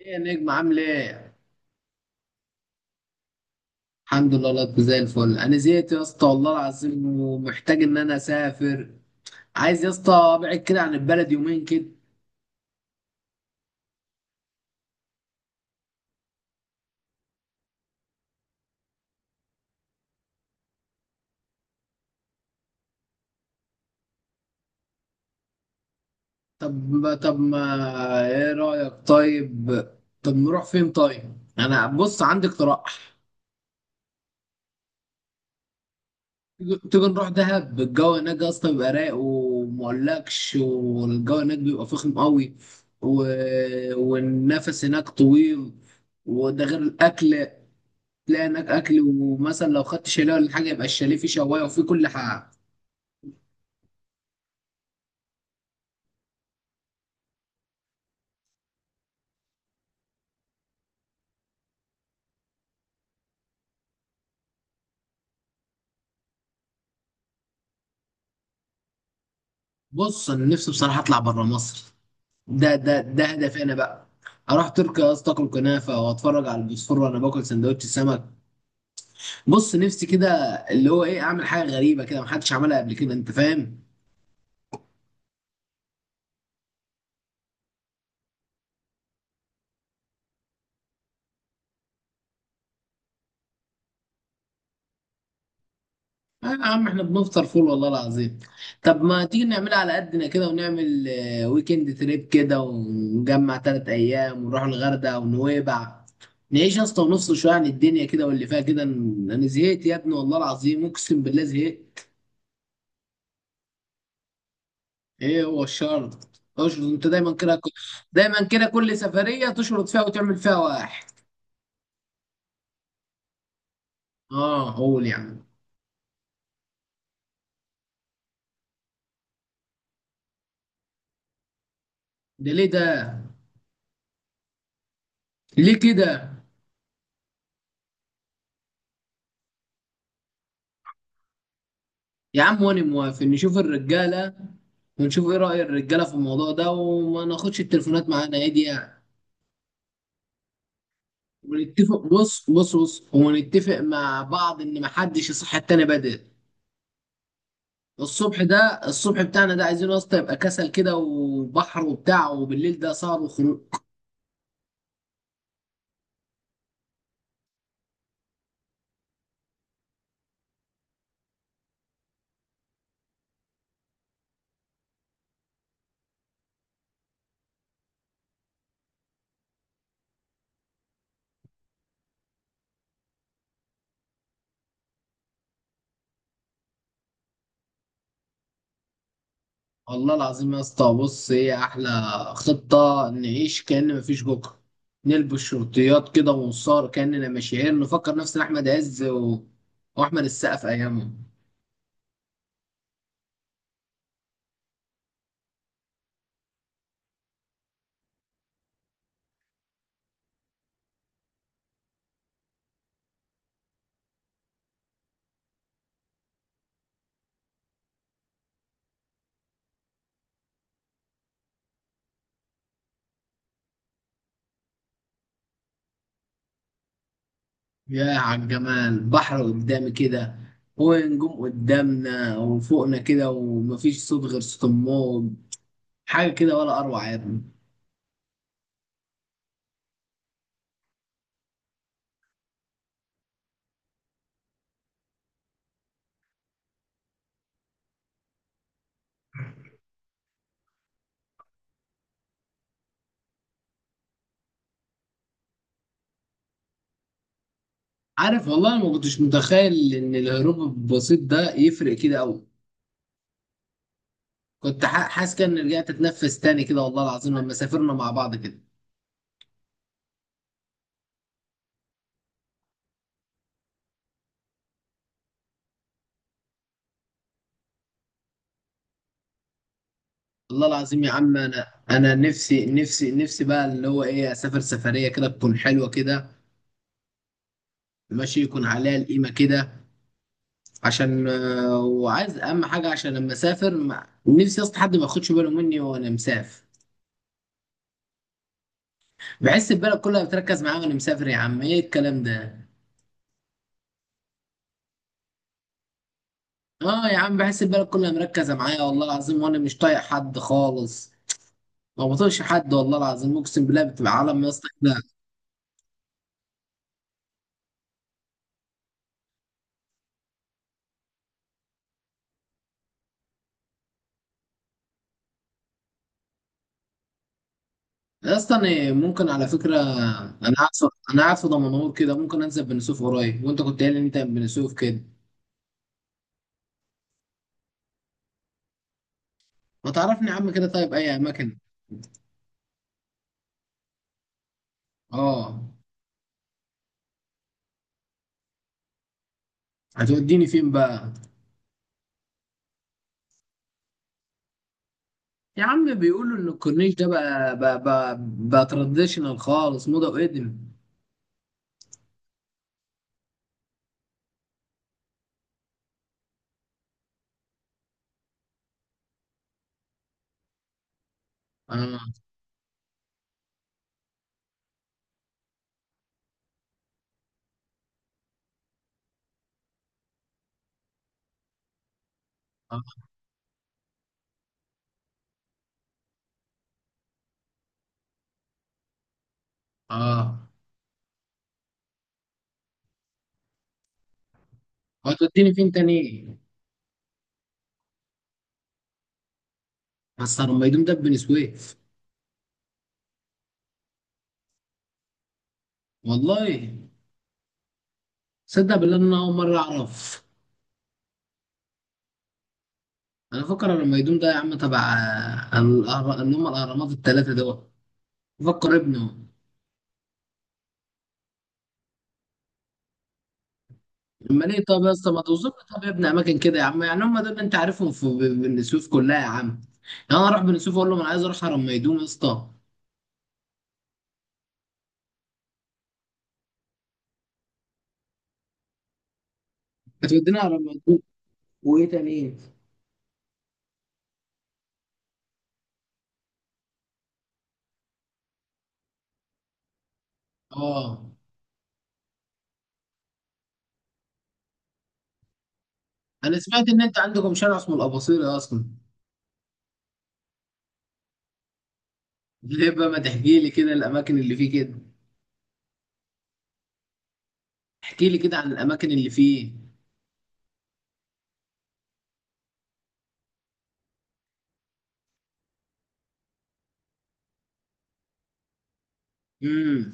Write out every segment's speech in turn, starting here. ايه يا نجم عامل ايه؟ الحمد لله، لطف زي الفل. انا زهقت يا اسطى والله العظيم، ومحتاج ان انا اسافر. عايز يا اسطى ابعد كده عن البلد يومين كده. طب ما، ايه رايك طيب؟ طب نروح فين طيب؟ انا بص عندي اقتراح. تيجي نروح دهب. الجو هناك يا اسطى بيبقى رايق، ومقولكش والجو هناك بيبقى فخم قوي و... والنفس هناك طويل، وده غير الاكل. تلاقي هناك اكل، ومثلا لو خدت شاليه ولا حاجه يبقى الشاليه فيه شوايه وفيه كل حاجه. بص انا نفسي بصراحه اطلع بره مصر. ده هدفي انا بقى. اروح تركيا يا اسطى، اكل كنافه واتفرج على البوسفور وانا باكل سندوتش سمك. بص نفسي كده، اللي هو ايه، اعمل حاجه غريبه كده محدش عملها قبل كده، انت فاهم. آه يا عم احنا بنفطر فول والله العظيم. طب ما تيجي نعملها على قدنا كده، ونعمل ويكند تريب كده، ونجمع 3 أيام ونروح الغردقة ونويبع. نعيش يا اسطى، ونفصل شوية عن الدنيا كده واللي فيها كده. أنا زهقت يا ابني والله العظيم، أقسم بالله زهقت. إيه هو الشرط؟ اشرط أنت دايما كده دايما كده، كل سفرية تشرط فيها وتعمل فيها واحد. آه، قول يا عم. ده ليه ده؟ ليه كده؟ يا عم وانا موافق، نشوف الرجاله ونشوف ايه رأي الرجاله في الموضوع ده، وما ناخدش التليفونات معانا، ايه دي يعني. بص بص بص، ونتفق مع بعض ان محدش يصحي التاني بدري. الصبح ده، الصبح بتاعنا ده عايزينه يا اسطى يبقى كسل كده، وبحر وبتاع، وبالليل ده سهر وخروج. والله العظيم يا اسطى، بص ايه احلى خطة. نعيش كأن مفيش بكره، نلبس شرطيات كده ونصار كأننا مشاهير، نفكر نفسنا احمد عز واحمد السقا في ايامهم. يا عالجمال، بحر قدامي كده ونجوم قدامنا وفوقنا كده، ومفيش صوت غير صوت الموج. حاجة كده ولا أروع يا ابني. عارف والله، أنا ما كنتش متخيل إن الهروب البسيط ده يفرق كده أوي. كنت حاسس كأني رجعت أتنفس تاني كده، والله العظيم لما سافرنا مع بعض كده. والله العظيم يا عم، أنا نفسي نفسي نفسي بقى، اللي هو إيه، أسافر سفرية كده تكون حلوة كده، ماشي، يكون عليها القيمة كده. عشان وعايز اهم حاجه عشان لما اسافر ما... نفسي اصلا حد ما ياخدش باله مني وانا مسافر. بحس البلد كلها بتركز معايا وانا مسافر، يا عم ايه الكلام ده. اه يا عم، بحس البلد كلها مركزه معايا والله العظيم، وانا مش طايق حد خالص. ما بطيقش حد والله العظيم اقسم بالله، بتبقى عالم يا اسطى كده. يا اسطى انا ممكن على فكره. انا قاعد في انا قاعد في دمنهور كده، ممكن انزل بني سويف قريب، وانت كنت قايل ان انت من بني سويف كده. ما تعرفني يا عم كده، طيب اي اماكن. اه. هتوديني فين بقى؟ يا عم بيقولوا ان الكورنيش ده بقى تراديشنال خالص، موضه وقدم. اه، اه، اه. هتوديني فين تاني؟ بس لما يدوم ده في بني سويف؟ والله، صدق بالله ان انا اول مره اعرف. انا فكر لما يدوم ده يا عم تبع اللي هم الاهرامات الثلاثه دول. فكر ابنه. اما ليه طب يا اسطى، ما توصف لي طب يا ابني اماكن كده يا عم، يعني هم دول اللي انت عارفهم في بني سويف كلها يا عم؟ يعني انا اروح بني سويف اقول لهم انا عايز اروح هرم ميدوم يا اسطى؟ هتوديني هرم، وايه تاني إيه؟ اه. انا سمعت ان انت عندكم شارع اسمه الاباصيري اصلا. ليه بقى ما تحكي لي كده الاماكن اللي فيه كده. احكي لي كده عن الاماكن اللي فيه. امم.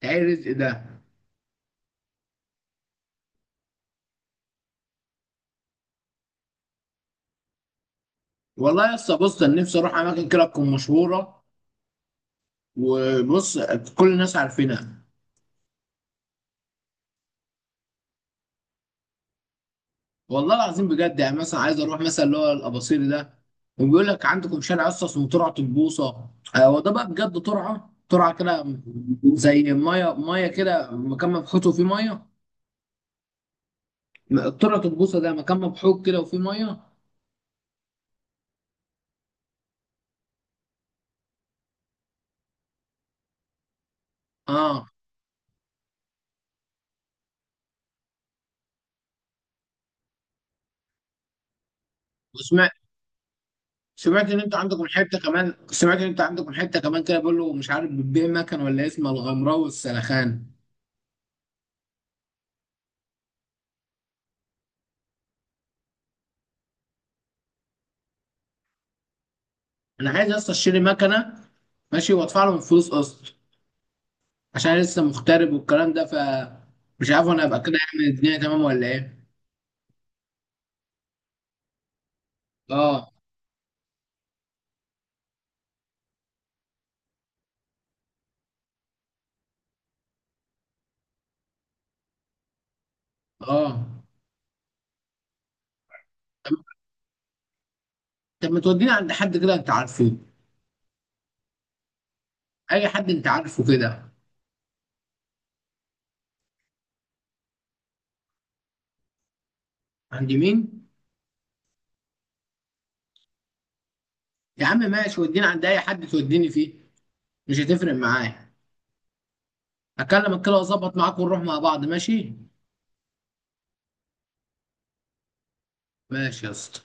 تعرف ده. والله يا اسطى بص، انا نفسي اروح اماكن كده تكون مشهوره، وبص، كل الناس عارفينها. والله العظيم بجد، يعني مثلا عايز اروح مثلا اللي هو الاباصيري ده. وبيقول لك عندكم شارع اصلا اسمه ترعه البوصه. هو ده بقى بجد، ترعه ترعه كده، زي ميه ميه كده، مكان مفتوح فيه ميه. طرقة البوصة ده مكان مبحوك كده وفيه مية. اه. وسمعت سمعت ان انت عندكم حته كمان سمعت ان انت عندكم حته كمان كده، بيقول له مش عارف بتبيع مكنه ولا إيه، اسمها الغمراوي والسلخان. انا عايز اصلا اشتري مكنه، ماشي، وادفع لهم فلوس قسط، عشان أنا لسه مغترب والكلام ده مش عارف انا ابقى كده اعمل الدنيا تمام ولا ايه. اه، اه. طب طب ما توديني عند حد كده انت عارفه؟ اي حد انت عارفه كده. عند مين؟ يا عم ماشي، وديني عند اي حد توديني فيه، مش هتفرق معايا. اكلمك كده واظبط معاك، ونروح مع بعض ماشي. ماشي يا اسطى.